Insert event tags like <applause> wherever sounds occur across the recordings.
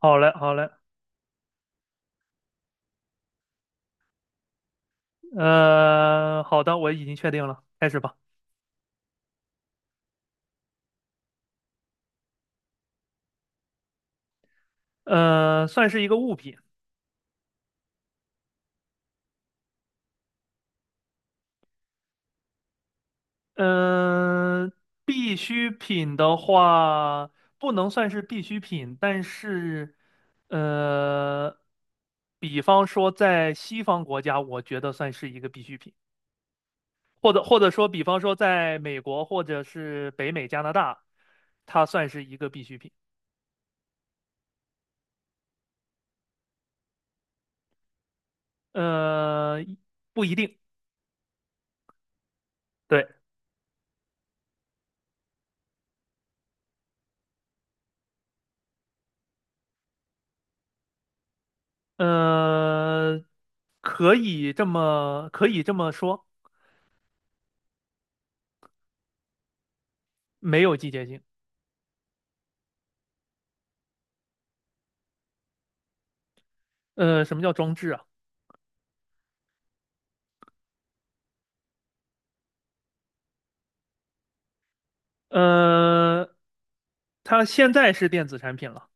好嘞，好嘞，好的，我已经确定了，开始吧。算是一个物品。嗯、必需品的话不能算是必需品，但是，呃，比方说在西方国家，我觉得算是一个必需品，或者说，比方说在美国或者是北美、加拿大，它算是一个必需品。呃，不一定。对。呃，可以这么说。没有季节性。什么叫装置啊？呃，它现在是电子产品了。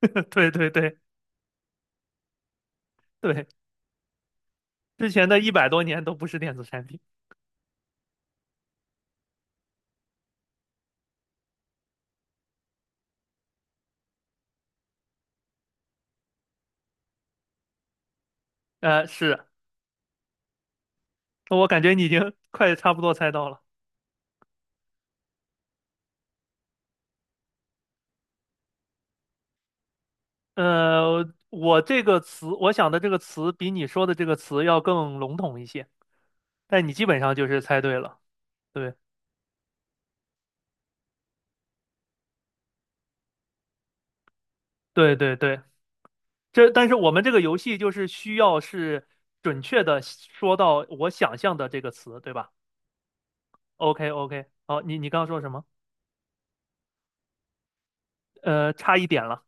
<laughs> 对对对对，之前的100多年都不是电子产品。是，我感觉你已经 <laughs> 快差不多猜到了。我这个词，我想的这个词比你说的这个词要更笼统一些，但你基本上就是猜对了。对对对对。这但是我们这个游戏就是需要是准确的说到我想象的这个词，对吧？OK OK，好，你刚刚说什么？差一点了。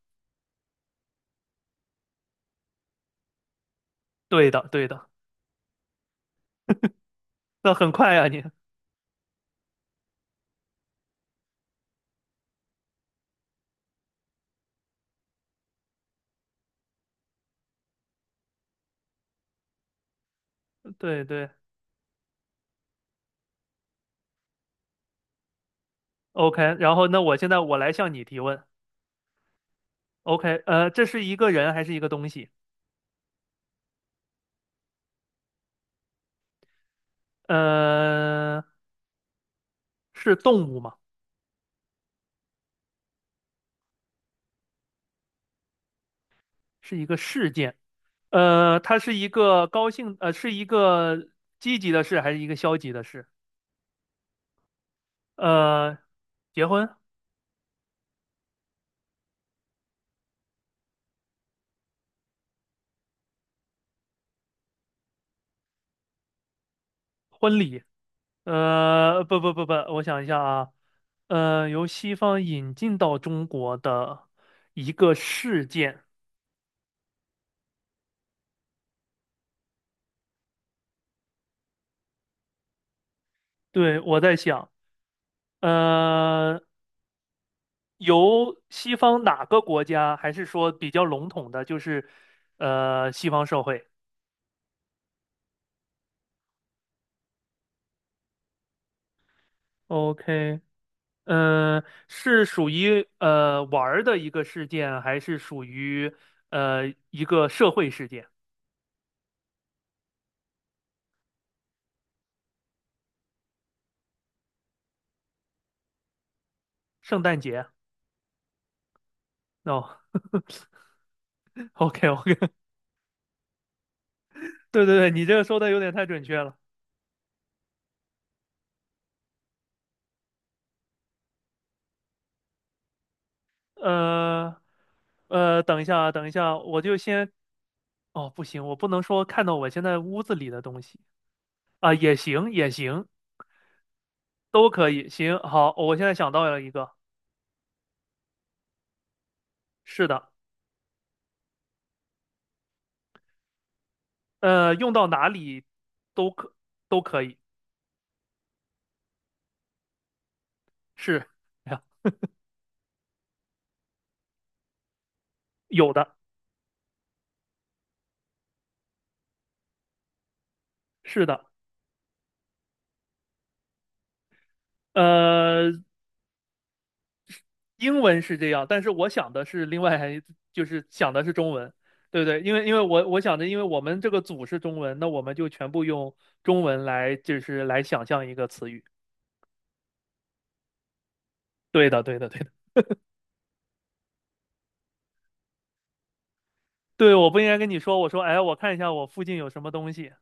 对的对的，那很快啊你。对对， OK。然后那我现在来向你提问。OK，这是一个人还是一个东西？呃，是动物吗？是一个事件？它是一个高兴，是一个积极的事还是一个消极的事？呃，结婚、婚礼。呃，不不不不，我想一下啊，由西方引进到中国的一个事件，对，我在想，呃，由西方哪个国家，还是说比较笼统的，就是西方社会？OK。嗯、是属于呃玩儿的一个事件，还是属于一个社会事件？圣诞节？No，OK OK，<laughs> 对对对，你这个说的有点太准确了。呃等一下啊，等一下，我就先，哦，不行，我不能说看到我现在屋子里的东西。啊，也行，也行，都可以，行，好，我现在想到了一个。是的。用到哪里都可都可以。是。<laughs> 有的。是的。呃，英文是这样，但是我想的是另外，就是想的是中文，对不对？因为我想着，因为我们这个组是中文，那我们就全部用中文来，就是来想象一个词语。对的，对的，对的。对，我不应该跟你说，我说，哎，我看一下我附近有什么东西。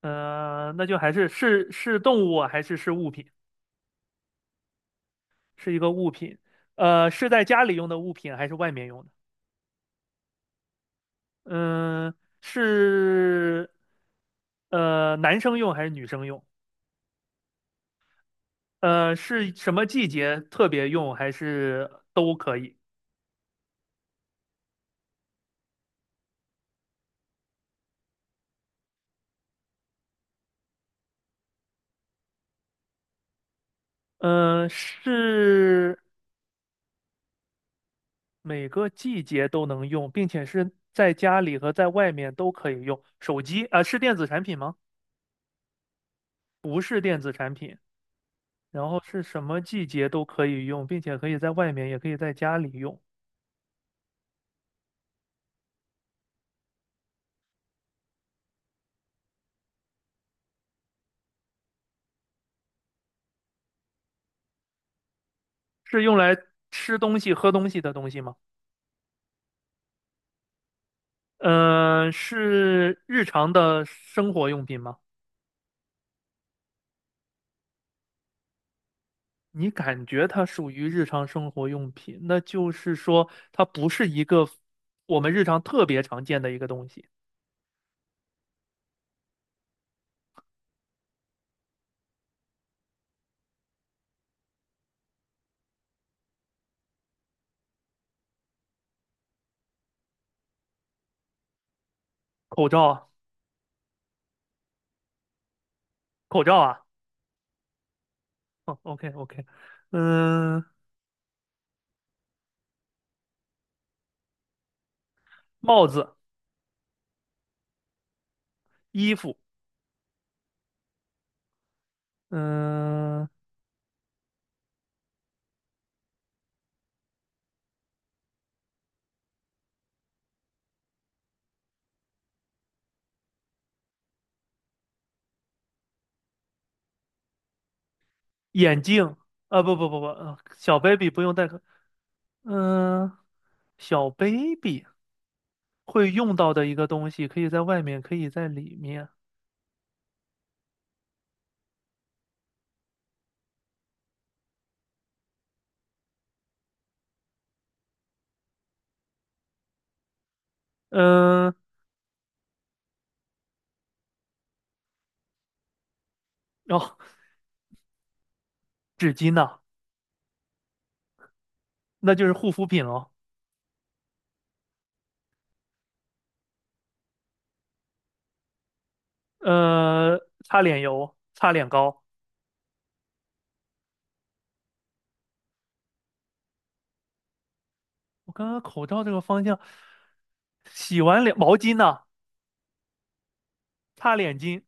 嗯，那就还是是动物啊还是是物品？是一个物品。是在家里用的物品还是外面用的？嗯，是。男生用还是女生用？是什么季节特别用，还是都可以？嗯、是每个季节都能用，并且是在家里和在外面都可以用。手机啊、是电子产品吗？不是电子产品。然后是什么季节都可以用，并且可以在外面，也可以在家里用。是用来吃东西、喝东西的东西吗？嗯、是日常的生活用品吗？你感觉它属于日常生活用品，那就是说它不是一个我们日常特别常见的一个东西。口罩啊。口罩啊。哦，OK OK。嗯，帽子、衣服。嗯，眼镜。啊，不不不不，小 baby 不用戴口。嗯，小 baby 会用到的一个东西，可以在外面，可以在里面。嗯。哦，纸巾呐、那就是护肤品喽。呃，擦脸油、擦脸膏。我刚刚口罩这个方向，洗完脸毛巾呢，擦脸巾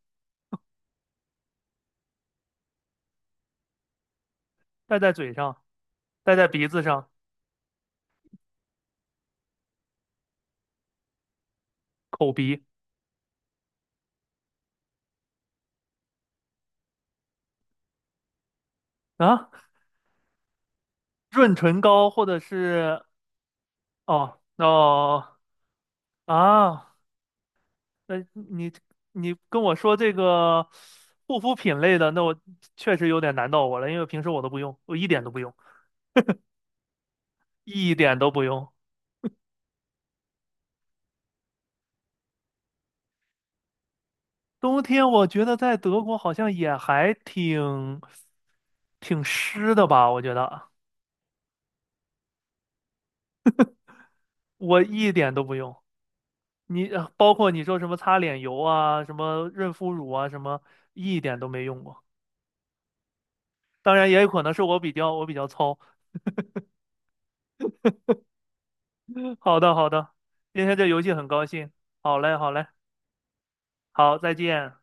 戴在嘴上，戴在鼻子上，口鼻。啊，润唇膏或者是。哦哦。啊，那你跟我说这个护肤品类的，那我确实有点难到我了，因为平时我都不用，我一点都不用。一点都不用。冬天我觉得在德国好像也还挺湿的吧，我觉得我一点都不用。你包括你说什么擦脸油啊，什么润肤乳啊，什么一点都没用过。当然也有可能是我比较糙。好的好的，今天这游戏很高兴。好嘞好嘞，好，再见。